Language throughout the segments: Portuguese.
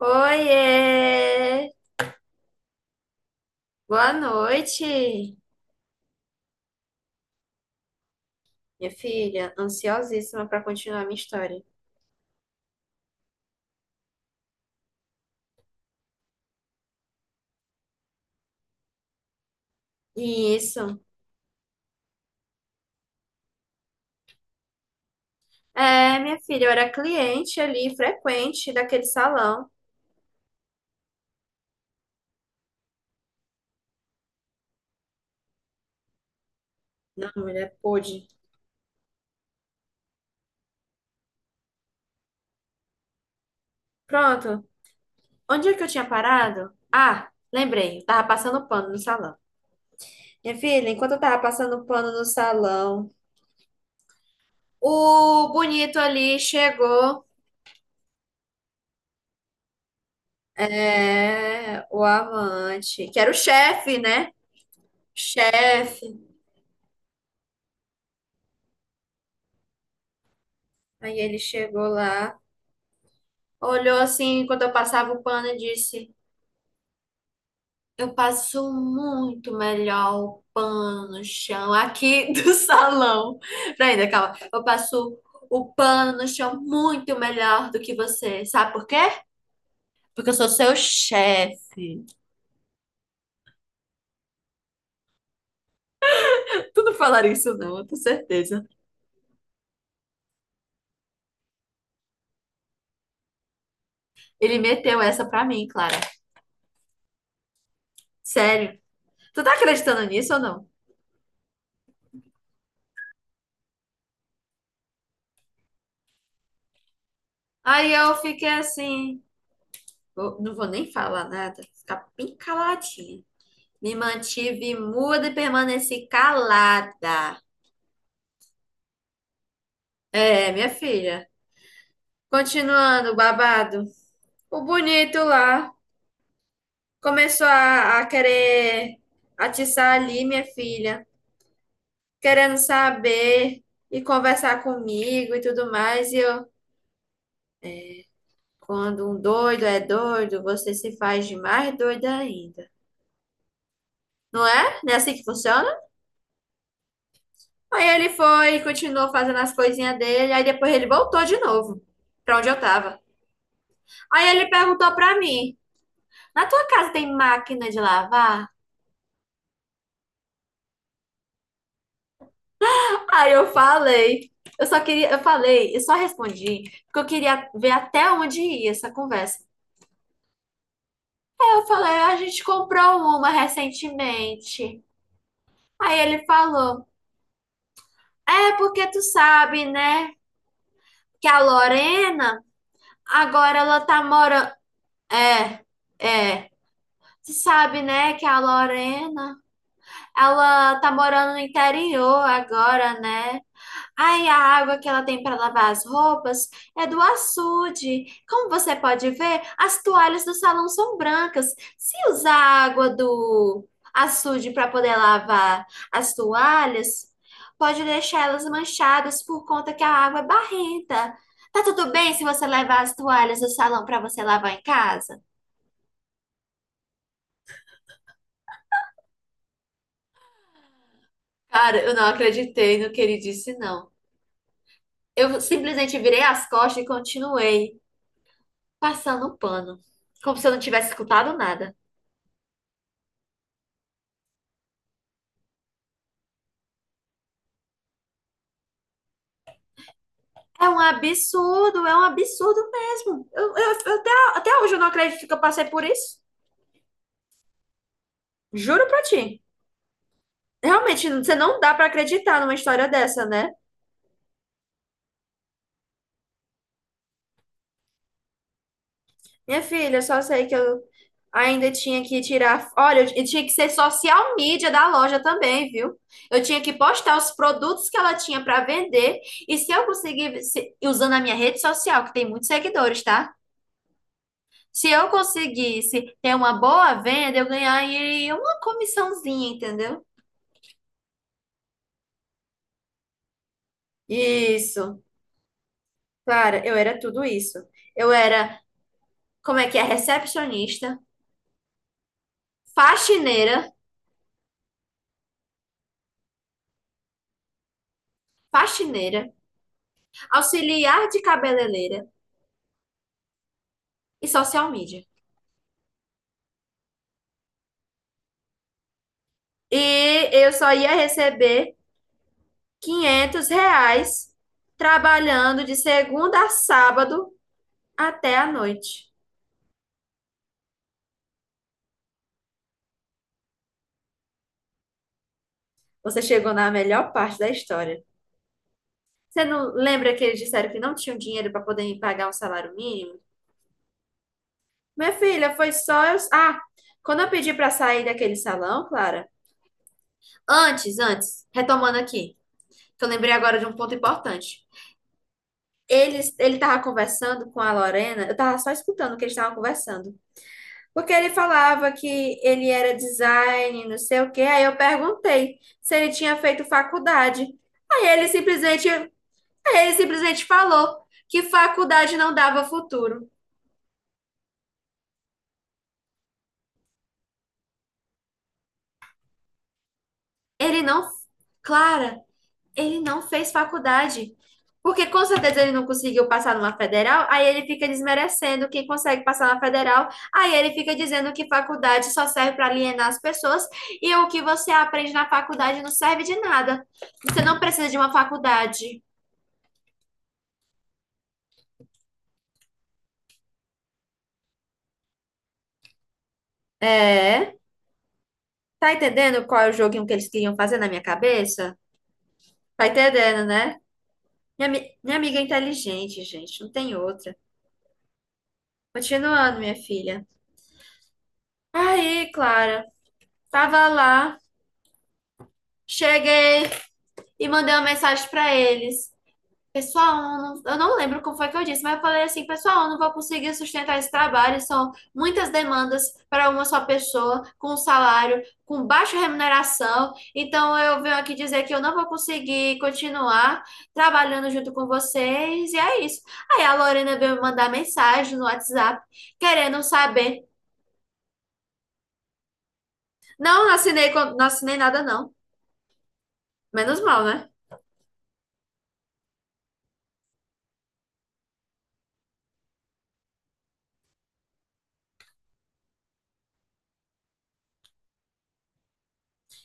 Oiê! Boa noite, minha filha. Ansiosíssima para continuar minha história. Isso. É, minha filha, eu era cliente ali, frequente daquele salão. Não, mulher, pôde. Pronto. Onde é que eu tinha parado? Ah, lembrei. Eu tava passando pano no salão. Minha filha, enquanto eu tava passando pano no salão, o bonito ali chegou. É, o amante, que era o chefe, né? Chefe. Aí ele chegou lá, olhou assim quando eu passava o pano e disse: eu passo muito melhor o pano no chão aqui do salão. Peraí, ainda, calma. Eu passo o pano no chão muito melhor do que você. Sabe por quê? Porque eu sou seu chefe. Tu não falaria isso, não, eu tenho certeza. Ele meteu essa pra mim, Clara. Sério. Tu tá acreditando nisso ou não? Aí eu fiquei assim. Não vou nem falar nada, ficar bem caladinha. Me mantive muda e permaneci calada. É, minha filha. Continuando, o babado. O bonito lá começou a querer atiçar ali, minha filha, querendo saber e conversar comigo e tudo mais. E eu, quando um doido é doido, você se faz de mais doida ainda. Não é? Não é assim que funciona? Aí ele foi e continuou fazendo as coisinhas dele. Aí depois ele voltou de novo pra onde eu tava. Aí ele perguntou pra mim: na tua casa tem máquina de lavar? Aí eu falei. Eu só queria, eu falei, eu só respondi, porque eu queria ver até onde ia essa conversa. Aí eu falei: "Ah, a gente comprou uma recentemente." Aí ele falou: é porque tu sabe, né, que a Lorena agora ela tá morando. É, é. Tu sabe, né, que a Lorena ela tá morando no interior agora, né? Ai, a água que ela tem para lavar as roupas é do açude. Como você pode ver, as toalhas do salão são brancas. Se usar a água do açude para poder lavar as toalhas, pode deixar elas manchadas por conta que a água é barrenta. Tá tudo bem se você levar as toalhas do salão para você lavar em casa? Cara, eu não acreditei no que ele disse, não. Eu simplesmente virei as costas e continuei passando o pano, como se eu não tivesse escutado nada. É um absurdo mesmo. Eu até hoje eu não acredito que eu passei por isso. Juro pra ti. Realmente, você não dá pra acreditar numa história dessa, né? Minha filha, eu só sei que eu ainda tinha que tirar. Olha, eu tinha que ser social media da loja também, viu? Eu tinha que postar os produtos que ela tinha pra vender. E se eu conseguisse, usando a minha rede social, que tem muitos seguidores, tá? Se eu conseguisse ter uma boa venda, eu ganharia uma comissãozinha, entendeu? Isso. Cara, eu era tudo isso. Eu era, como é que é? Recepcionista, faxineira, faxineira, auxiliar de cabeleireira e social media. E eu só ia receber R$ 500 trabalhando de segunda a sábado até a noite. Você chegou na melhor parte da história. Você não lembra que eles disseram que não tinham dinheiro para poder me pagar um salário mínimo? Minha filha, foi só eu. Ah, quando eu pedi para sair daquele salão, Clara. Antes, retomando aqui, que eu lembrei agora de um ponto importante. Eles, ele estava conversando com a Lorena, eu estava só escutando o que eles estavam conversando. Porque ele falava que ele era design, não sei o quê. Aí eu perguntei se ele tinha feito faculdade. Aí ele simplesmente falou que faculdade não dava futuro. Ele não, Clara, ele não fez faculdade. Porque com certeza ele não conseguiu passar numa federal, aí ele fica desmerecendo quem consegue passar na federal, aí ele fica dizendo que faculdade só serve para alienar as pessoas e o que você aprende na faculdade não serve de nada. Você não precisa de uma faculdade. É, tá entendendo qual é o joguinho que eles queriam fazer na minha cabeça? Tá entendendo, né? Minha amiga é inteligente, gente, não tem outra. Continuando, minha filha. Aí, Clara, tava lá, cheguei. E mandei uma mensagem pra eles. Pessoal, eu não lembro como foi que eu disse, mas eu falei assim: pessoal, eu não vou conseguir sustentar esse trabalho, são muitas demandas para uma só pessoa, com um salário, com baixa remuneração, então eu venho aqui dizer que eu não vou conseguir continuar trabalhando junto com vocês, e é isso. Aí a Lorena veio me mandar mensagem no WhatsApp, querendo saber. Não, não assinei, não assinei nada, não. Menos mal, né?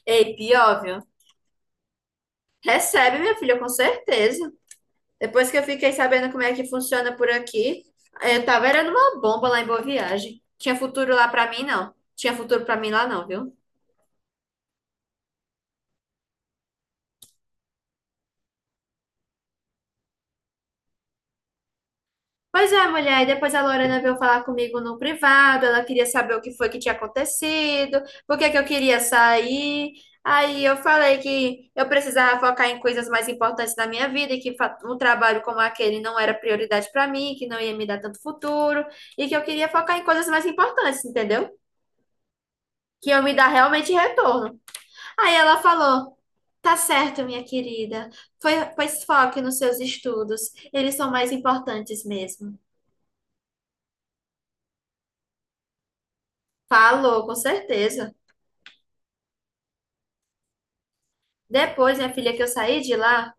Ei, pior, viu? Recebe, minha filha, com certeza. Depois que eu fiquei sabendo como é que funciona por aqui, eu tava era numa bomba lá em Boa Viagem. Tinha futuro lá pra mim, não. Tinha futuro pra mim lá, não, viu? Pois é, mulher. E depois a Lorena veio falar comigo no privado. Ela queria saber o que foi que tinha acontecido, por que que eu queria sair. Aí eu falei que eu precisava focar em coisas mais importantes da minha vida e que um trabalho como aquele não era prioridade pra mim, que não ia me dar tanto futuro e que eu queria focar em coisas mais importantes, entendeu? Que eu me dar realmente retorno. Aí ela falou: tá certo, minha querida. Pois foque nos seus estudos. Eles são mais importantes mesmo. Falou, com certeza. Depois, minha filha, que eu saí de lá,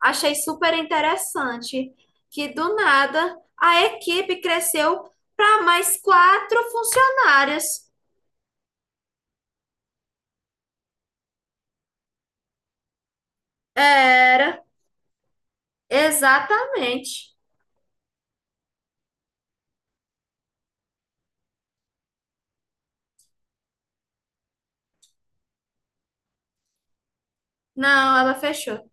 achei super interessante que do nada a equipe cresceu para mais quatro funcionárias. Era, exatamente. Não, ela fechou.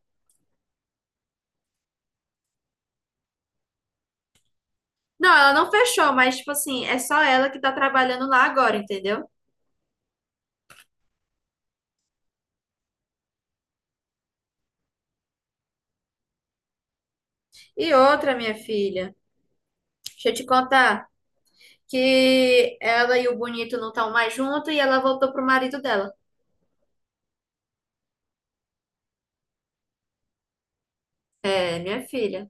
Não, ela não fechou, mas, tipo assim, é só ela que tá trabalhando lá agora, entendeu? E outra, minha filha. Deixa eu te contar que ela e o bonito não estão mais juntos e ela voltou pro marido dela. É, minha filha.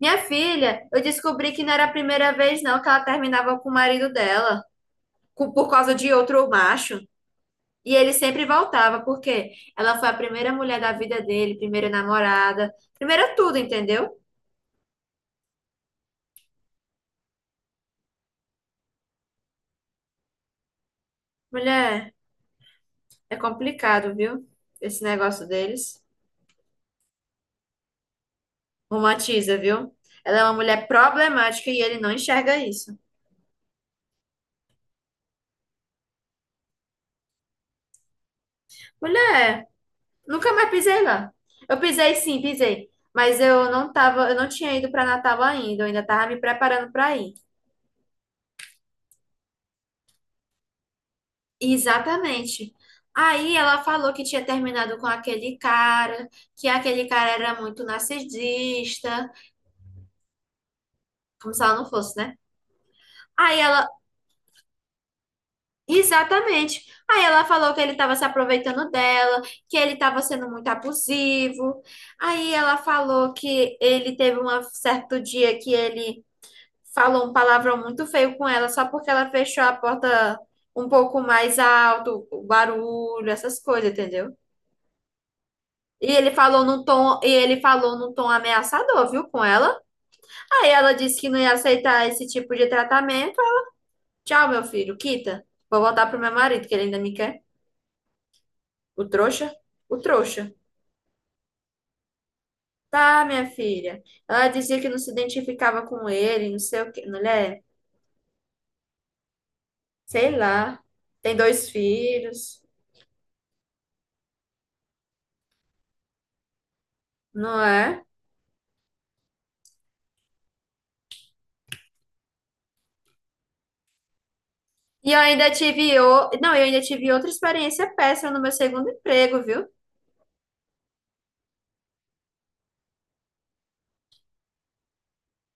Minha filha, eu descobri que não era a primeira vez não que ela terminava com o marido dela, por causa de outro macho. E ele sempre voltava, porque ela foi a primeira mulher da vida dele, primeira namorada, primeira tudo, entendeu? Mulher, é complicado, viu? Esse negócio deles. Romantiza, viu? Ela é uma mulher problemática e ele não enxerga isso. Mulher, nunca mais pisei lá. Eu pisei sim, pisei. Mas eu não tava, eu não tinha ido para Natal ainda, eu ainda tava me preparando para ir. Exatamente. Aí ela falou que tinha terminado com aquele cara, que aquele cara era muito narcisista, como se ela não fosse, né? Aí ela, exatamente. Aí ela falou que ele estava se aproveitando dela, que ele estava sendo muito abusivo. Aí ela falou que ele teve um certo dia que ele falou um palavrão muito feio com ela só porque ela fechou a porta um pouco mais alto, o barulho, essas coisas, entendeu? E ele falou num tom, e ele falou num tom ameaçador, viu, com ela. Aí ela disse que não ia aceitar esse tipo de tratamento. Tchau, meu filho, quita. Vou voltar pro meu marido, que ele ainda me quer. O trouxa? O trouxa. Tá, minha filha. Ela dizia que não se identificava com ele, não sei o quê. Mulher, sei lá. Tem dois filhos, não é? Eu ainda tive outra experiência péssima no meu segundo emprego, viu?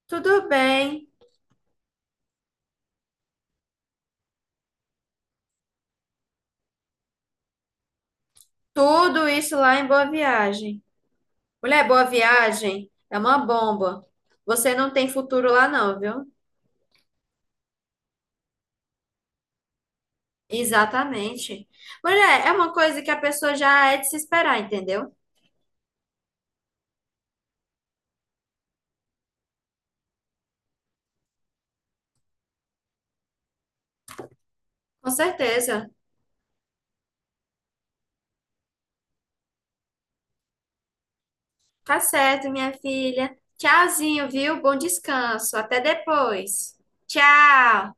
Tudo bem, tudo isso lá em Boa Viagem. Mulher, Boa Viagem é uma bomba. Você não tem futuro lá não, viu? Exatamente. Mulher, é uma coisa que a pessoa já é de se esperar, entendeu? Com certeza. Tá certo, minha filha. Tchauzinho, viu? Bom descanso. Até depois. Tchau.